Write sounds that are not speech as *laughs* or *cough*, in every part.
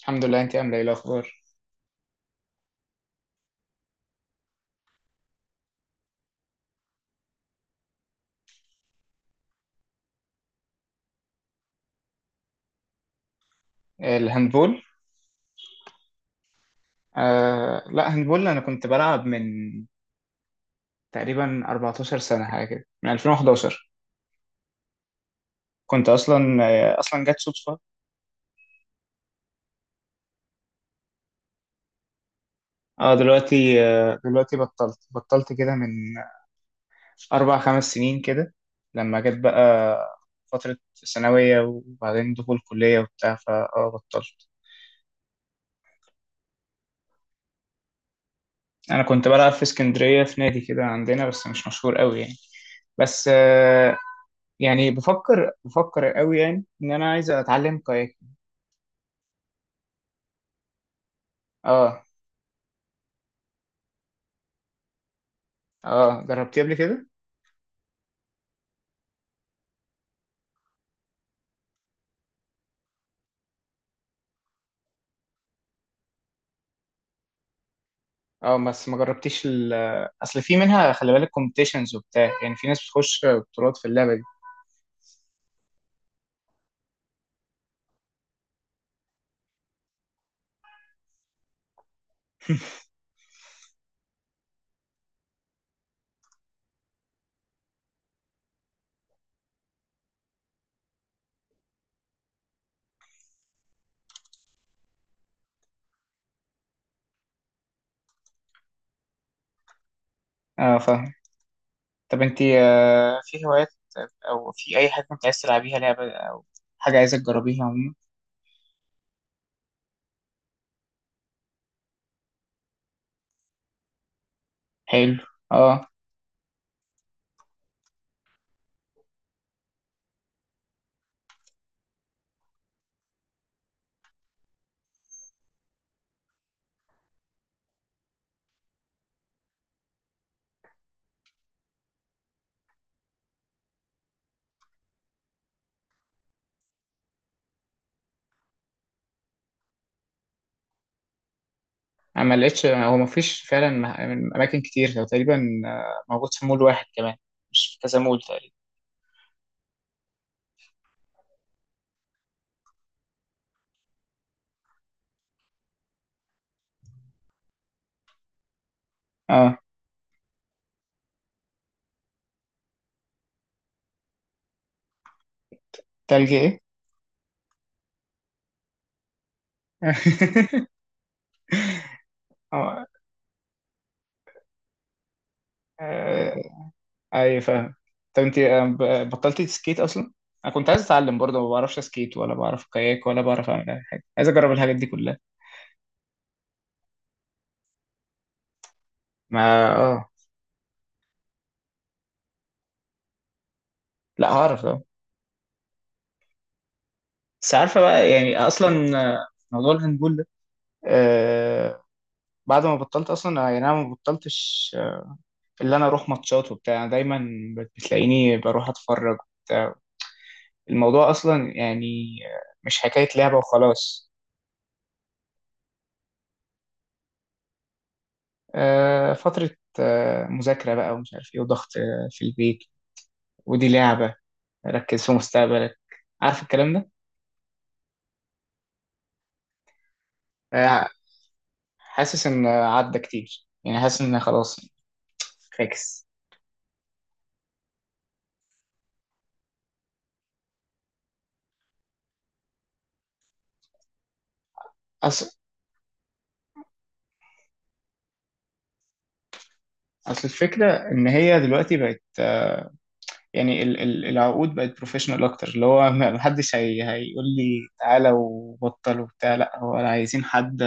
الحمد لله. انت عامله ايه الاخبار؟ الهاندبول. آه لا، هاندبول. انا كنت بلعب من تقريبا 14 سنه حاجه كده، من 2011. كنت اصلا جت صدفه. اه دلوقتي، دلوقتي بطلت كده من اربع خمس سنين كده، لما جت بقى فتره ثانويه وبعدين دخول كليه وبتاع، فاه بطلت. انا كنت بلعب في اسكندريه في نادي كده عندنا، بس مش مشهور قوي يعني. بس آه، يعني بفكر قوي يعني ان انا عايز اتعلم كاياك. اه. اه جربتيه قبل كده؟ اه، بس ما جربتيش اصل في منها، خلي بالك، كومبيتيشنز وبتاع، يعني في ناس بتخش بطولات في اللعبه دي. اه فاهم. طب انت في هوايات، او في اي حاجه كنت عايز تلعبيها، لعبه او حاجه عايزه تجربيها عموما؟ حلو. اه. انا ما لقيتش، هو ما فيش فعلا من اماكن كتير، هو تقريبا موجود في مول واحد كمان، مش في كذا مول تقريبا. اه. تلج ايه؟ *laughs* اه. اي فاهم. طب انت بطلتي تسكيت اصلا؟ انا كنت عايز اتعلم برضه، ما بعرفش اسكيت ولا بعرف كاياك ولا بعرف اعمل اي حاجه، عايز اجرب الحاجات دي كلها. ما اه. لا، هعرف اه. بس عارفه بقى يعني اصلا موضوع الهاندبول ده. آه. بعد ما بطلت اصلا، يعني انا ما بطلتش. اللي انا اروح ماتشات وبتاع، أنا دايما بتلاقيني بروح اتفرج وبتاع. الموضوع اصلا يعني مش حكايه لعبه وخلاص. فتره مذاكره بقى ومش عارف ايه وضغط في البيت. ودي لعبه، ركز في مستقبلك، عارف الكلام ده. آه، حاسس ان عدى كتير، يعني حاسس ان خلاص فاكس. اصل اصل الفكره ان هي دلوقتي بقت، يعني ال العقود بقت بروفيشنال اكتر، اللي هو ما حدش هيقول لي تعالى وبطل وبتاع، لا هو عايزين حد.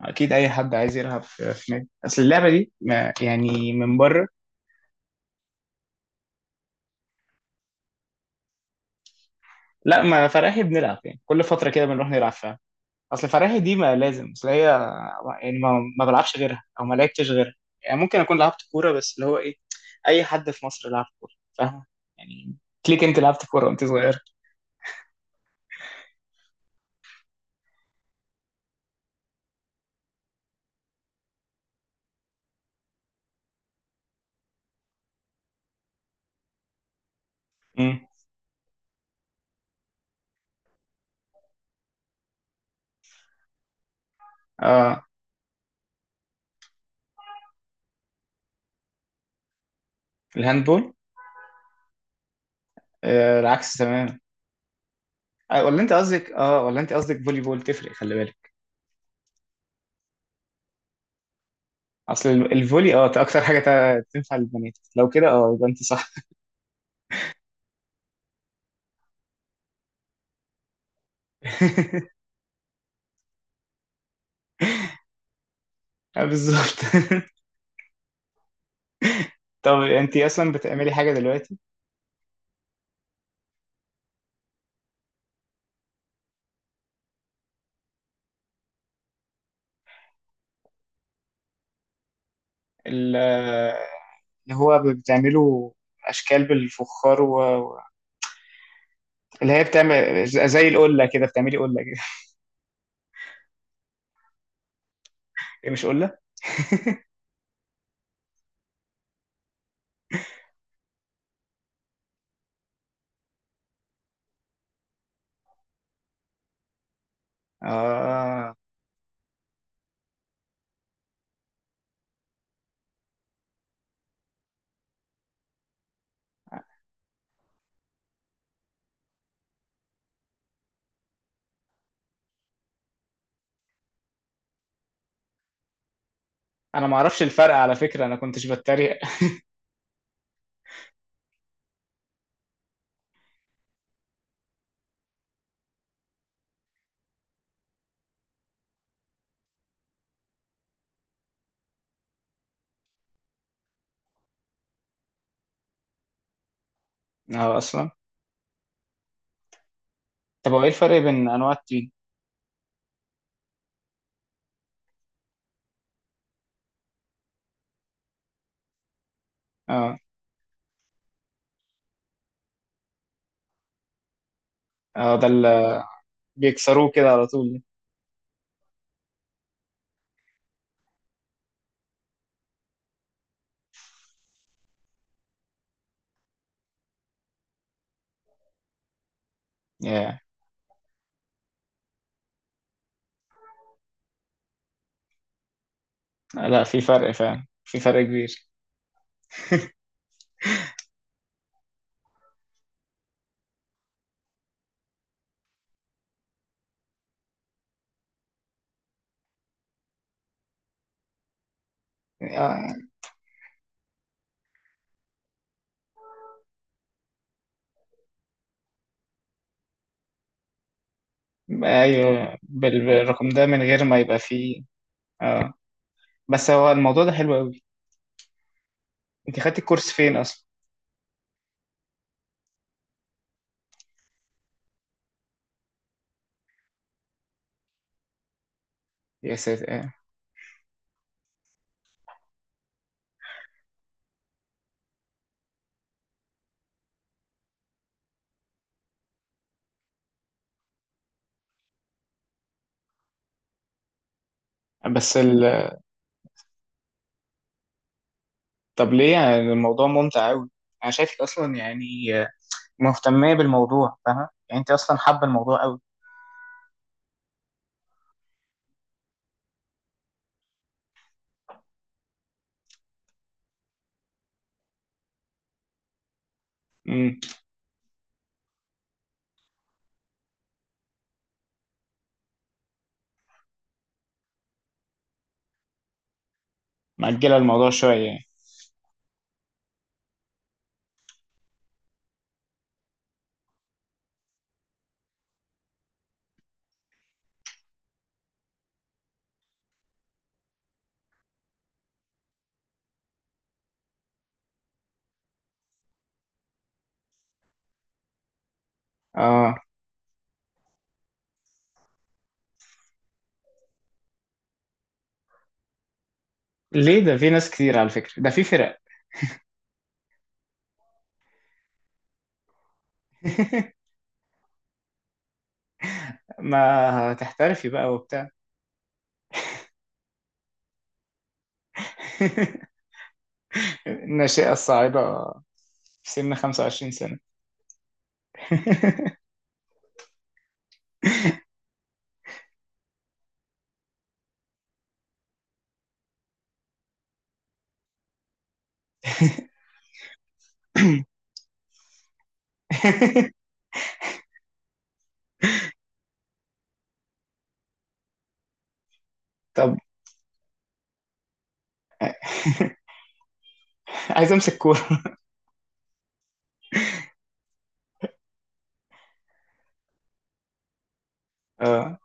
اكيد اي حد عايز يلعب في نادي، اصل اللعبه دي ما يعني من بره. لا ما فرقها، بنلعب يعني كل فتره كده بنروح نلعب فيها. اصل فراهي دي ما لازم، اصل هي يعني ما بلعبش غيرها او ما لعبتش غيرها. يعني ممكن اكون لعبت كوره، بس اللي هو ايه، اي حد في مصر لعب كوره فاهم. يعني ليك انت لعبت كوره وانت صغير. امم. اه. الهاندبول. آه العكس تماما. آه، ولا انت قصدك فولي بول؟ تفرق، خلي بالك. اصل الفولي، اكتر حاجه تنفع للبنات، لو كده اه يبقى انت صح. *laughs* بالظبط. *laughs* طب انت اصلا بتعملي حاجه دلوقتي؟ ال- اللي هو بتعمله اشكال بالفخار و- اللي هي بتعمل زي القله كده، بتعملي قله كده؟ *laughs* ايه، مش قله؟ اه انا ما اعرفش الفرق على فكره، انا كنتش بتريق. *laughs* اه اصلا. طب هو ايه الفرق بين انواع التين؟ اه. اه ده اللي بيكسروه كده على طول. يا، لا في فرق فعلا، في فرق كبير. آه. ايوه، بالرقم ده، من غير ما يبقى فيه. اه. بس هو الموضوع ده حلو قوي. انت خدت الكورس فين اصلا؟ يا ساتر آه. بس ال طب ليه؟ يعني الموضوع ممتع قوي، انا شايفك اصلا يعني مهتمه بالموضوع، فاهمه يعني انت اصلا حابه الموضوع قوي. امم. مأجله الموضوع شويه يعني. اه، ليه؟ ده في ناس كتير على فكره، ده في فرق. *laughs* ما هتحترفي بقى وبتاع. *laughs* الناشئه الصاعده في سن 25 سنه. *laughs* طب عايز امسك كوره. اه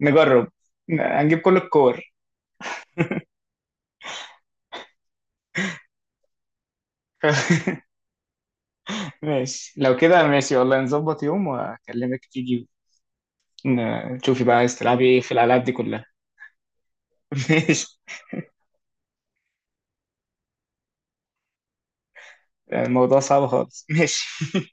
نجرب. هنجيب كل الكور. *laughs* ماشي، لو كده ماشي والله، نظبط يوم واكلمك تيجي. تشوفي بقى، عايز تلعبي ايه في الالعاب دي كلها. *laughs* ماشي. الموضوع صعب خالص، ماشي.